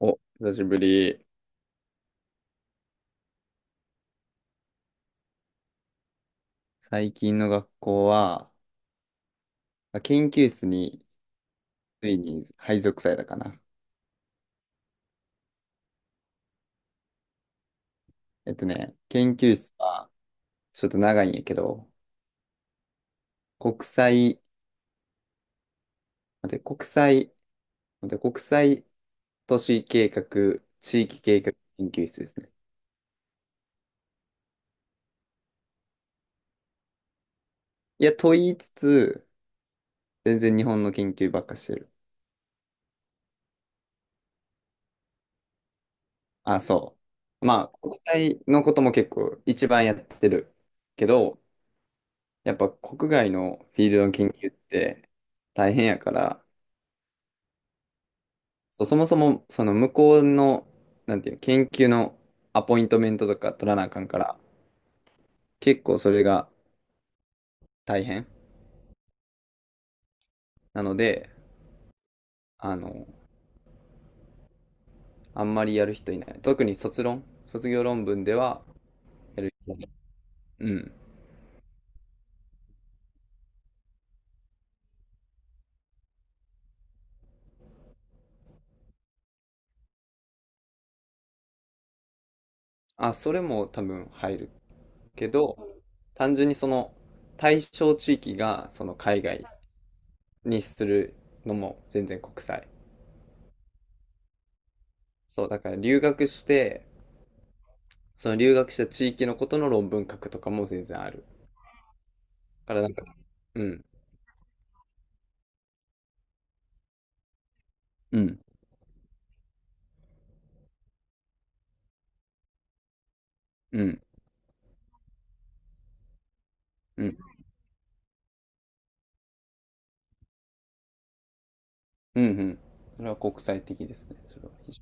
お、久しぶり。最近の学校は、まあ研究室についに配属されたかな。研究室はちょっと長いんやけど、国際、待って、国際、待って、国際都市計画、地域計画研究室ですね。いや、と言いつつ、全然日本の研究ばっかしてる。あ、そう。まあ、国際のことも結構一番やってるけど、やっぱ国外のフィールドの研究って大変やから、そう、そもそも、その向こうの、なんていうの、研究のアポイントメントとか取らなあかんから、結構それが大変なので、あの、あんまりやる人いない。特に卒論、卒業論文ではやる人いない。うん。あ、それも多分入るけど、単純にその対象地域がその海外にするのも全然国際。そう、だから留学して、その留学した地域のことの論文書くとかも全然ある。だからなんか、うん。うん、うん、うん、うん、うん。それは国際的ですね。それは非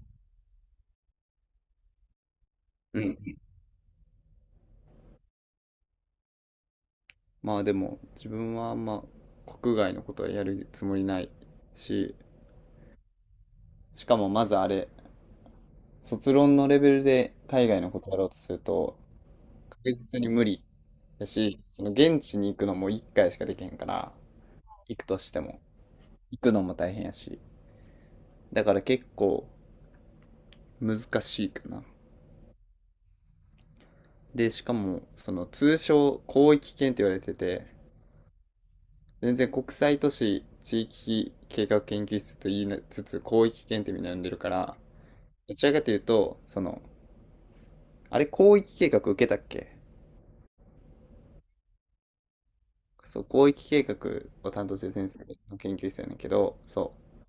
常に。うん。まあでも、自分はあんま国外のことはやるつもりないし、しかもまず卒論のレベルで海外のことやろうとすると、確実に無理だし、その現地に行くのも1回しかできへんから、行くとしても、行くのも大変やし、だから結構難しいかな。で、しかも、その通称広域圏って言われてて、全然国際都市地域計画研究室と言いなつつ広域検定みたいなの呼んでるから、どちらかというとそのあれ広域計画受けたっけ。そう、広域計画を担当してる先生の研究室やねんけど、そう、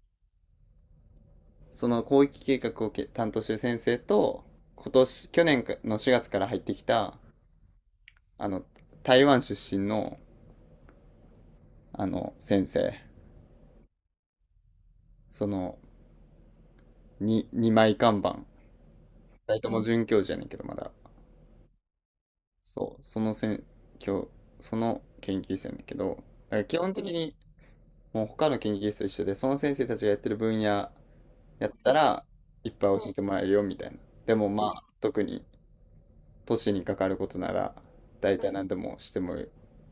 その広域計画を担当してる先生と、今年去年の4月から入ってきた、あの台湾出身のあの先生、その 2, 二枚看板、大友准教授やねんけど、まだそう、そのせん、今日、その研究室やねんだけど、だから基本的にもう他の研究室と一緒で、その先生たちがやってる分野やったら、いっぱい教えてもらえるよみたいな。でもまあ、特に都市に関わることなら、大体何でもしてもい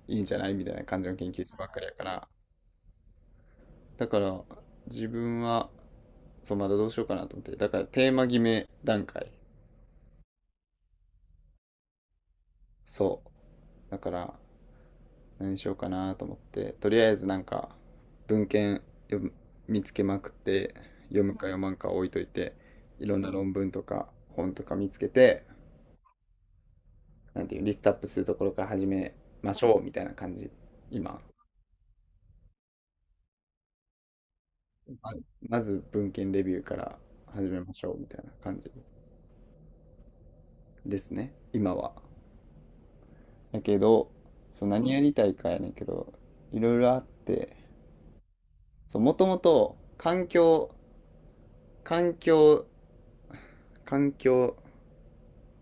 いんじゃないみたいな感じの研究室ばっかりやから。だから、自分は、そう、まだどうしようかなと思って。だから、テーマ決め段階。そう。だから、何しようかなと思って、とりあえずなんか文献読む見つけまくって、読むか読まんか置いといて、いろんな論文とか本とか見つけて、なんていうリストアップするところから始めましょうみたいな感じ、今。ままず文献レビューから始めましょうみたいな感じですね今は。やけど、そう何やりたいかやねんけど、いろいろあって、もともと環境環境環境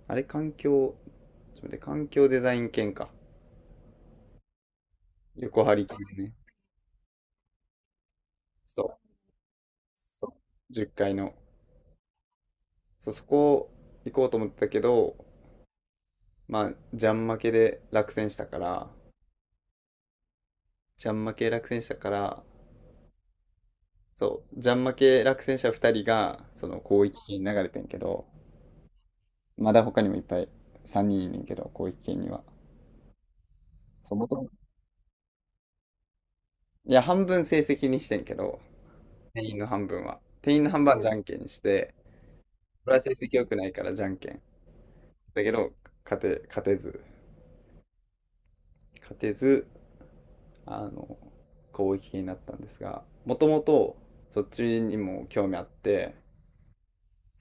あれ、環境、ちょっと待って、環境デザイン研か。横張り系ね。そう。そう。10階の。そう、そこ行こうと思ってたけど、まあ、ジャン負けで落選したから、ジャン負け落選したから、そう、ジャン負け落選者2人が、その広域圏に流れてんけど、まだ他にもいっぱい3人いんねんけど、広域圏には。そう、元々、いや、半分成績にしてんけど、定員の半分は。定員の半分はじゃんけんにして、これは成績良くないからじゃんけん。だけど、勝て、勝てず、勝てず、あの、攻撃になったんですが、もともとそっちにも興味あって、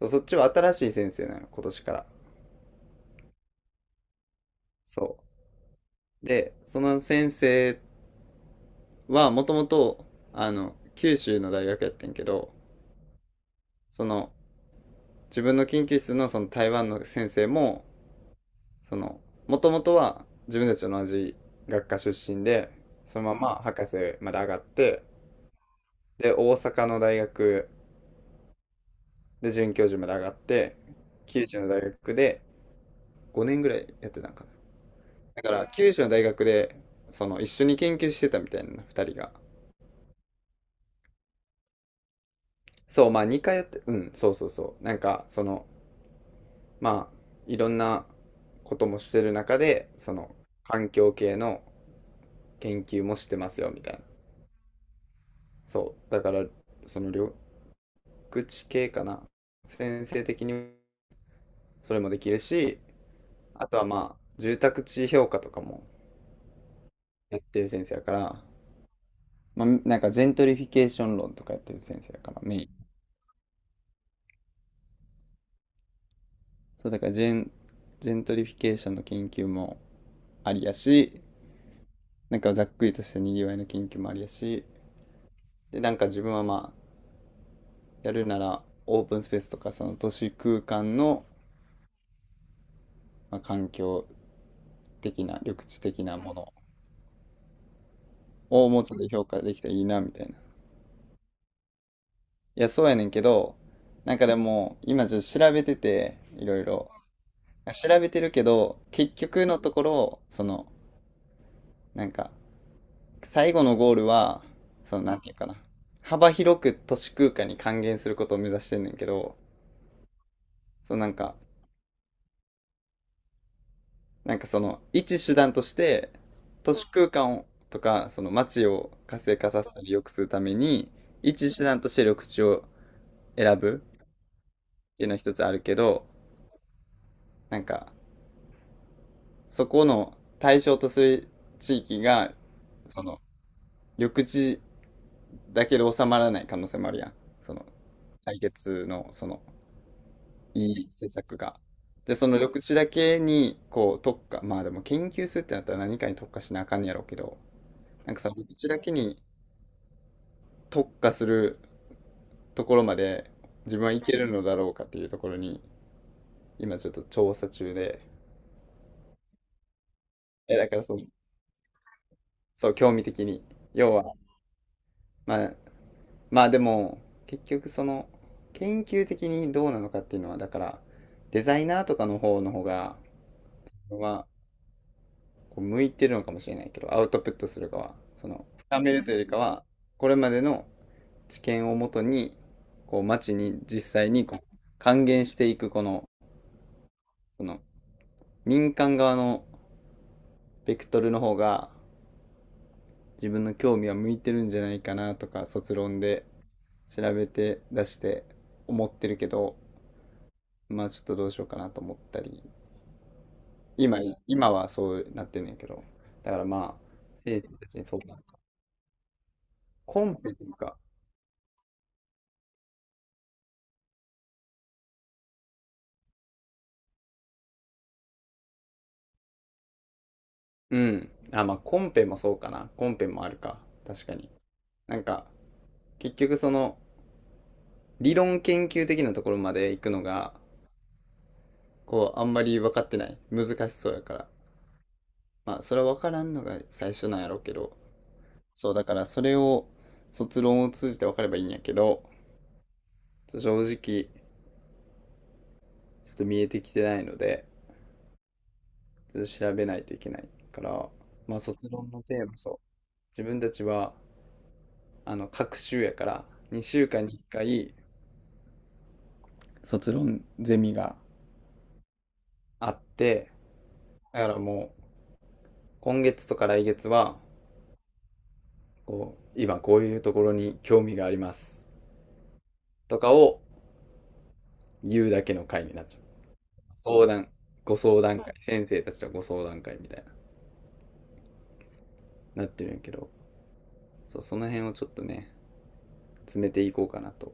そっちは新しい先生なの、今年から。そう。で、その先生はもともと、九州の大学やってんけど、その、自分の研究室のその台湾の先生も、その、もともとは自分たちと同じ学科出身で、そのまま博士まで上がって、で、大阪の大学で、准教授まで上がって、九州の大学で5年ぐらいやってたんかな。だから、九州の大学で、その、一緒に研究してたみたいな、2人が。そう、まあ、2回やって、うん、そうそうそう。なんか、その、まあ、いろんなこともしてる中で、その、環境系の研究もしてますよ、みたいな。そう、だから、その、緑地系かな。先生的にそれもできるし、あとはまあ、住宅地評価とかもやってる先生やから、まあ、なんかジェントリフィケーション論とかやってる先生だから、メイン。そう、だからジェントリフィケーションの研究もありやし、なんかざっくりとしたにぎわいの研究もありやし、で、なんか自分はまあ、やるならオープンスペースとかその都市空間の、まあ、環境的な、緑地的なものをもうちょっと評価できたらいいな、みたいな。いや、そうやねんけど、なんかでも、今ちょっと調べてて、いろいろ。調べてるけど、結局のところ、その、なんか、最後のゴールは、その、なんていうかな。幅広く都市空間に還元することを目指してんねんけど、そのなんか、なんかその、一手段として、都市空間をとか、その街を活性化させたり良くするために、一手段として緑地を選ぶっていうのは一つあるけど、なんか、そこの対象とする地域が、その、緑地だけで収まらない可能性もあるやん。その、来月の、その、いい施策が。で、その緑地だけに、こう、特化、まあでも研究するってなったら何かに特化しなあかんねやろうけど、なんかさ、緑地だけに特化するところまで自分はいけるのだろうかっていうところに、今ちょっと調査中で、え、だからその、そう、興味的に。要は、まあ、まあでも、結局その、研究的にどうなのかっていうのは、だから、デザイナーとかの方の方が、はこう向いてるのかもしれないけど、アウトプットする側、その深めるというよりかは、これまでの知見をもとに、こう町に実際にこう還元していくこの、その民間側のベクトルの方が自分の興味は向いてるんじゃないかな、とか卒論で調べて出して思ってるけど、まあちょっとどうしようかなと思ったり、今今はそうなってんねんけど、だからまあ先生徒たちにそう、コンペというか、うん。あ、まあ、コンペもそうかな。コンペもあるか。確かに。なんか、結局その、理論研究的なところまで行くのが、こう、あんまり分かってない。難しそうやから。まあ、それは分からんのが最初なんやろうけど。そう、だからそれを、卒論を通じて分かればいいんやけど、ちょっと正直、ちょっと見えてきてないので、ちょっと調べないといけないから、まあ、卒論のテーマ、そう。自分たちは、各週やから、2週間に1回、卒論ゼミがあって、だからもう今月とか来月は、こう、今こういうところに興味がありますとかを言うだけの回になっちゃう。相談、ご相談会、先生たちとご相談会みたいな、なってるんやけど、そう、その辺をちょっとね、詰めていこうかなと。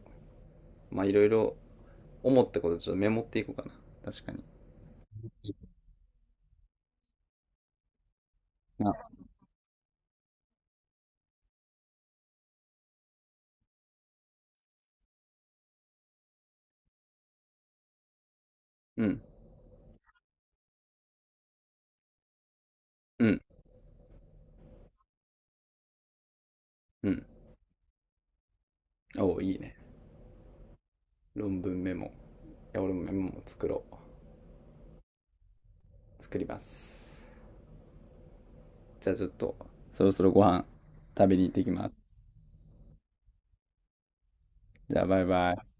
まあいろいろ思ったことちょっとメモっていこうかな。確かに。あ、うん、うん、うん。おお、いいね。論文メモ。いや、俺もメモも作ろう。作ります。じゃあちょっと、そろそろご飯食べに行ってきます。じゃあバイバイ。